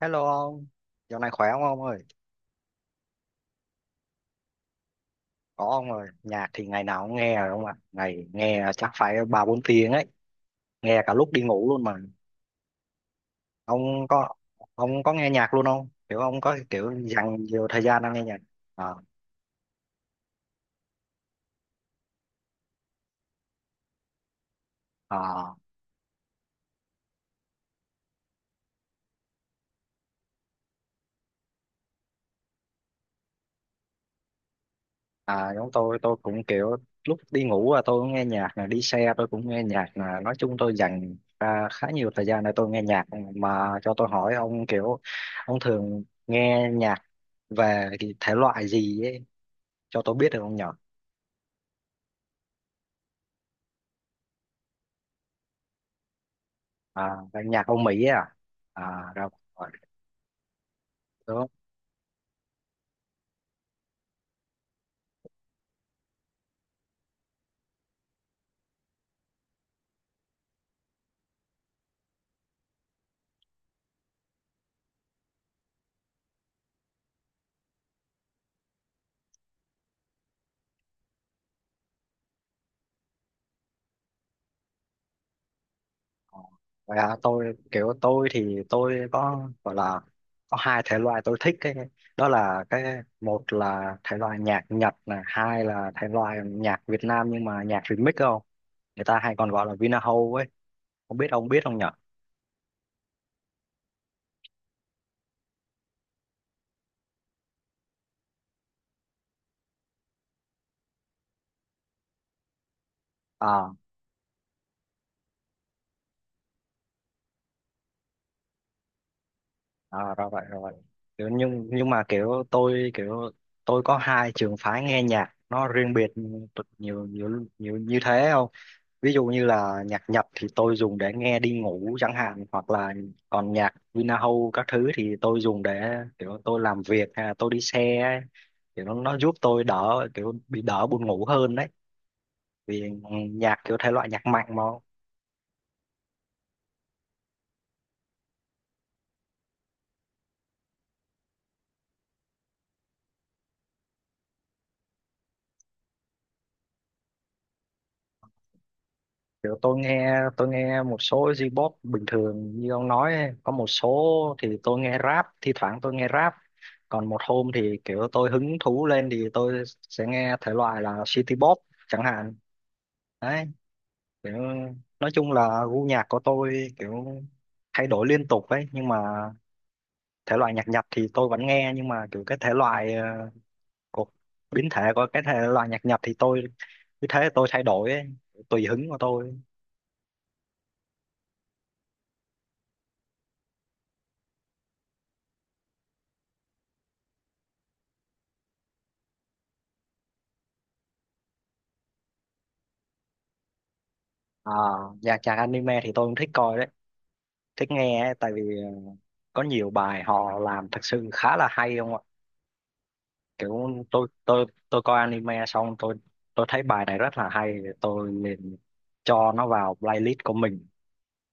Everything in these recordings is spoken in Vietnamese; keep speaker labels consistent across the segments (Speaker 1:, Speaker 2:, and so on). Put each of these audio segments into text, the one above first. Speaker 1: Hello ông, dạo này khỏe không ông ơi? Có ông ơi, nhạc thì ngày nào cũng nghe rồi ông ạ. Ngày nghe chắc phải ba bốn tiếng ấy, nghe cả lúc đi ngủ luôn mà. Ông có ông có nghe nhạc luôn không? Kiểu ông có kiểu dành nhiều thời gian ông nghe nhạc. À, à, giống tôi cũng kiểu lúc đi ngủ là tôi cũng nghe nhạc, là đi xe tôi cũng nghe nhạc, là nói chung tôi dành ra khá nhiều thời gian để tôi nghe nhạc. Mà cho tôi hỏi ông kiểu ông thường nghe nhạc về cái thể loại gì ấy cho tôi biết được không nhỉ? À, ban nhạc Âu Mỹ à. À rồi rồi đúng. Ờ, vậy hả? Tôi kiểu tôi thì tôi có gọi là có hai thể loại tôi thích, cái đó là cái một là thể loại nhạc Nhật này, hai là thể loại nhạc Việt Nam nhưng mà nhạc remix, không người ta hay còn gọi là Vinahouse ấy, không biết ông biết không nhở? À, à, ra vậy rồi vậy. Kiểu nhưng mà kiểu tôi có hai trường phái nghe nhạc nó riêng biệt, nhiều nhiều nhiều như thế. Không ví dụ như là nhạc Nhật thì tôi dùng để nghe đi ngủ chẳng hạn, hoặc là còn nhạc Vinahome các thứ thì tôi dùng để kiểu tôi làm việc hay là tôi đi xe ấy. Kiểu nó giúp tôi đỡ kiểu bị đỡ buồn ngủ hơn đấy, vì nhạc kiểu thể loại nhạc mạnh mà. Kiểu tôi nghe một số J-pop bình thường như ông nói ấy. Có một số thì tôi nghe rap, thi thoảng tôi nghe rap, còn một hôm thì kiểu tôi hứng thú lên thì tôi sẽ nghe thể loại là city pop chẳng hạn đấy. Kiểu nói chung là gu nhạc của tôi kiểu thay đổi liên tục ấy, nhưng mà thể loại nhạc Nhật thì tôi vẫn nghe, nhưng mà kiểu cái thể loại của biến thể của cái thể loại nhạc Nhật thì tôi cứ thế tôi thay đổi ấy, tùy hứng của tôi. À, dạ chàng anime thì tôi cũng thích coi đấy, thích nghe ấy, tại vì có nhiều bài họ làm thật sự khá là hay không ạ? Kiểu tôi coi anime xong tôi thấy bài này rất là hay, tôi liền cho nó vào playlist của mình,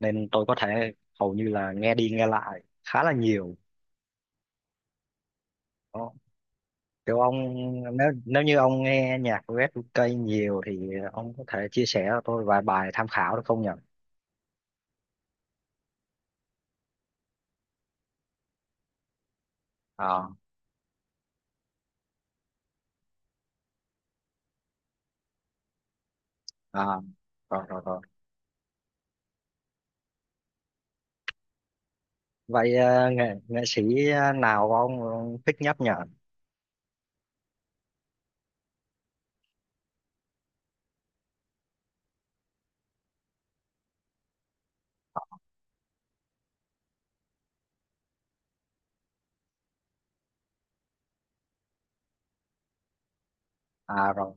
Speaker 1: nên tôi có thể hầu như là nghe đi nghe lại khá là nhiều. Đó. Kiểu ông, nếu nếu như ông nghe nhạc của Red nhiều thì ông có thể chia sẻ cho tôi vài bài tham khảo được không nhỉ? À, à, rồi rồi rồi. Vậy nghệ nghệ sĩ nào ông thích nhấp nhở? À rồi,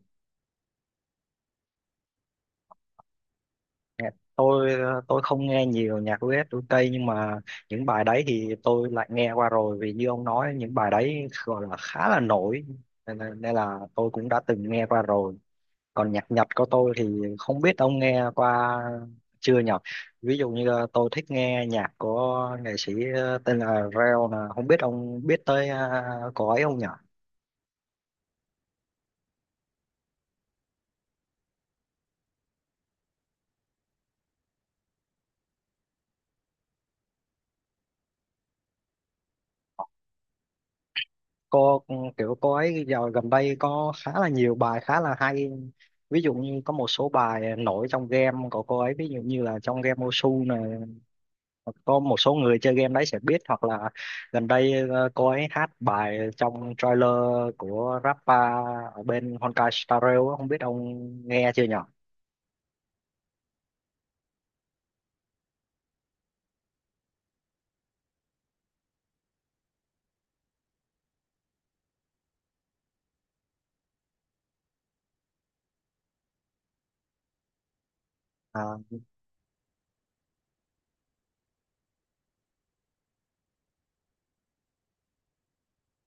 Speaker 1: nghe- tôi tôi không nghe nhiều nhạc US UK nhưng mà những bài đấy thì tôi lại nghe qua rồi, vì như ông nói những bài đấy gọi là khá là nổi, nên là tôi cũng đã từng nghe qua rồi. Còn nhạc Nhật của tôi thì không biết ông nghe qua chưa nhỉ? Ví dụ như tôi thích nghe nhạc của nghệ sĩ tên là Reo, là không biết ông biết tới cậu ấy không nhỉ? cô Kiểu cô ấy giờ gần đây có khá là nhiều bài khá là hay, ví dụ như có một số bài nổi trong game của cô ấy, ví dụ như là trong game Osu này, có một số người chơi game đấy sẽ biết, hoặc là gần đây cô ấy hát bài trong trailer của rapper ở bên Honkai Star Rail á, không biết ông nghe chưa nhở? À,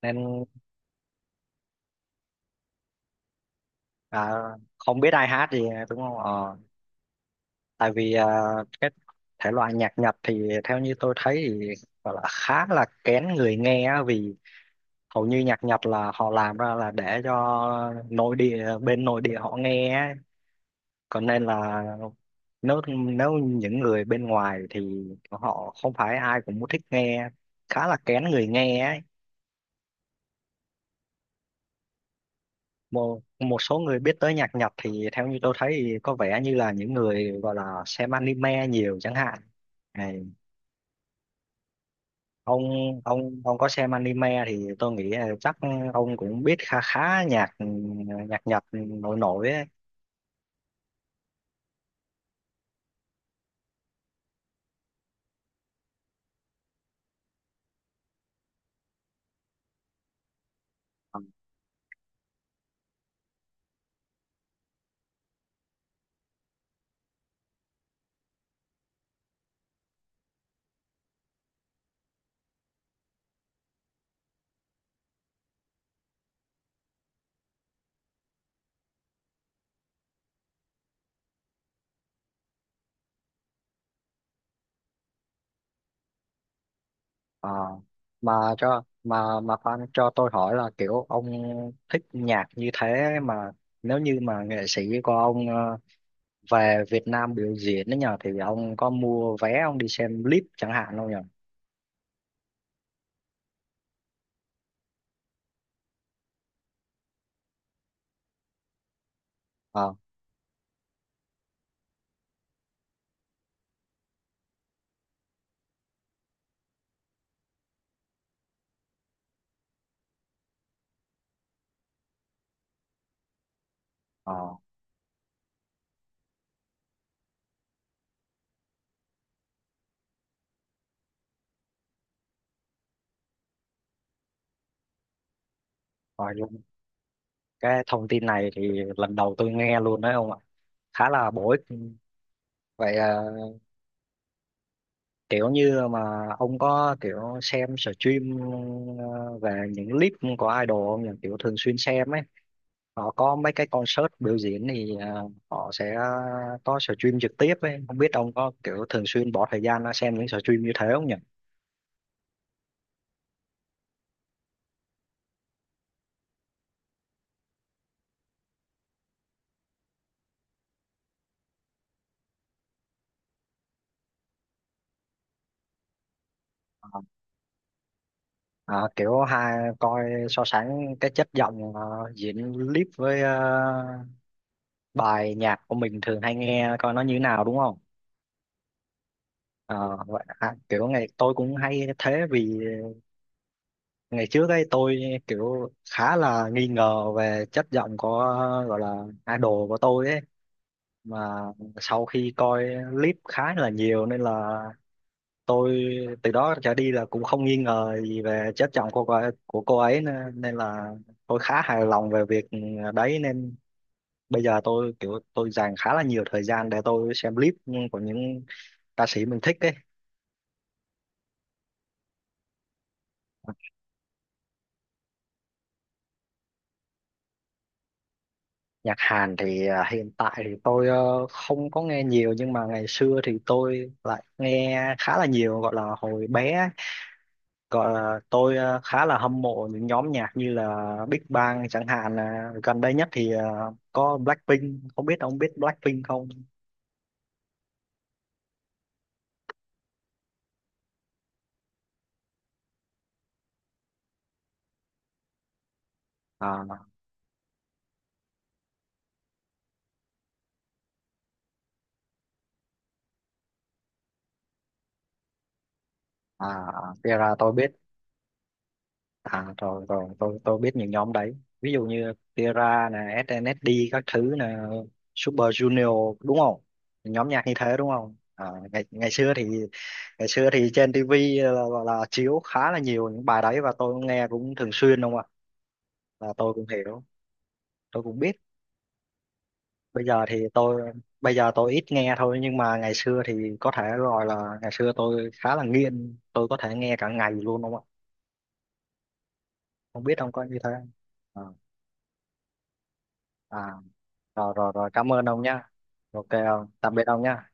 Speaker 1: nên à, không biết ai hát gì đúng không? Ờ, tại vì à, cái thể loại nhạc Nhật thì theo như tôi thấy thì gọi là khá là kén người nghe á, vì hầu như nhạc Nhật là họ làm ra là để cho nội địa, bên nội địa họ nghe á. Còn nên là, nếu nếu những người bên ngoài thì họ không phải ai cũng thích nghe, khá là kén người nghe ấy. Một Một số người biết tới nhạc Nhật thì theo như tôi thấy thì có vẻ như là những người gọi là xem anime nhiều chẳng hạn. ông ông có xem anime thì tôi nghĩ là chắc ông cũng biết khá khá nhạc, nhạc Nhật nổi nổi ấy. Ờ, mà cho mà fan cho tôi hỏi là kiểu ông thích nhạc như thế, mà nếu như mà nghệ sĩ của ông về Việt Nam biểu diễn đấy nhờ, thì ông có mua vé ông đi xem clip chẳng hạn không nhờ? ờ ờ Rồi luôn, cái thông tin này thì lần đầu tôi nghe luôn đấy ông ạ, khá là bổ ích. Vậy à, kiểu như mà ông có kiểu xem stream về những clip của idol không nhỉ, kiểu thường xuyên xem ấy, họ có mấy cái concert biểu diễn thì họ sẽ có stream trực tiếp ấy, không biết ông có kiểu thường xuyên bỏ thời gian ra xem những stream như thế không nhỉ? À, kiểu hai coi so sánh cái chất giọng diễn clip với bài nhạc của mình thường hay nghe, coi nó như thế nào đúng không? Ờ, vậy, à, kiểu ngày tôi cũng hay thế, vì ngày trước ấy tôi kiểu khá là nghi ngờ về chất giọng của, gọi là, idol của tôi ấy, mà sau khi coi clip khá là nhiều nên là tôi từ đó trở đi là cũng không nghi ngờ gì về chất giọng của cô ấy nữa. Nên là tôi khá hài lòng về việc đấy, nên bây giờ tôi kiểu tôi dành khá là nhiều thời gian để tôi xem clip của những ca sĩ mình thích ấy. Nhạc Hàn thì à, hiện tại thì tôi không có nghe nhiều, nhưng mà ngày xưa thì tôi lại nghe khá là nhiều, gọi là hồi bé ấy. Gọi là tôi khá là hâm mộ những nhóm nhạc như là Big Bang chẳng hạn, là gần đây nhất thì có Blackpink, không biết ông biết Blackpink không? à, à, thì là tôi biết. À, rồi rồi, tôi biết những nhóm đấy, ví dụ như Tira nè, SNSD các thứ nè, Super Junior đúng không, nhóm nhạc như thế đúng không. À, ngày ngày xưa thì trên TV là chiếu khá là nhiều những bài đấy và tôi nghe cũng thường xuyên đúng không ạ, là tôi cũng hiểu, tôi cũng biết. Bây giờ thì tôi, bây giờ tôi ít nghe thôi, nhưng mà ngày xưa thì có thể gọi là ngày xưa tôi khá là nghiện, tôi có thể nghe cả ngày luôn đúng không ạ, không biết ông có như thế không? À, à, rồi rồi rồi, cảm ơn ông nhá. Ok ông, tạm biệt ông nhá.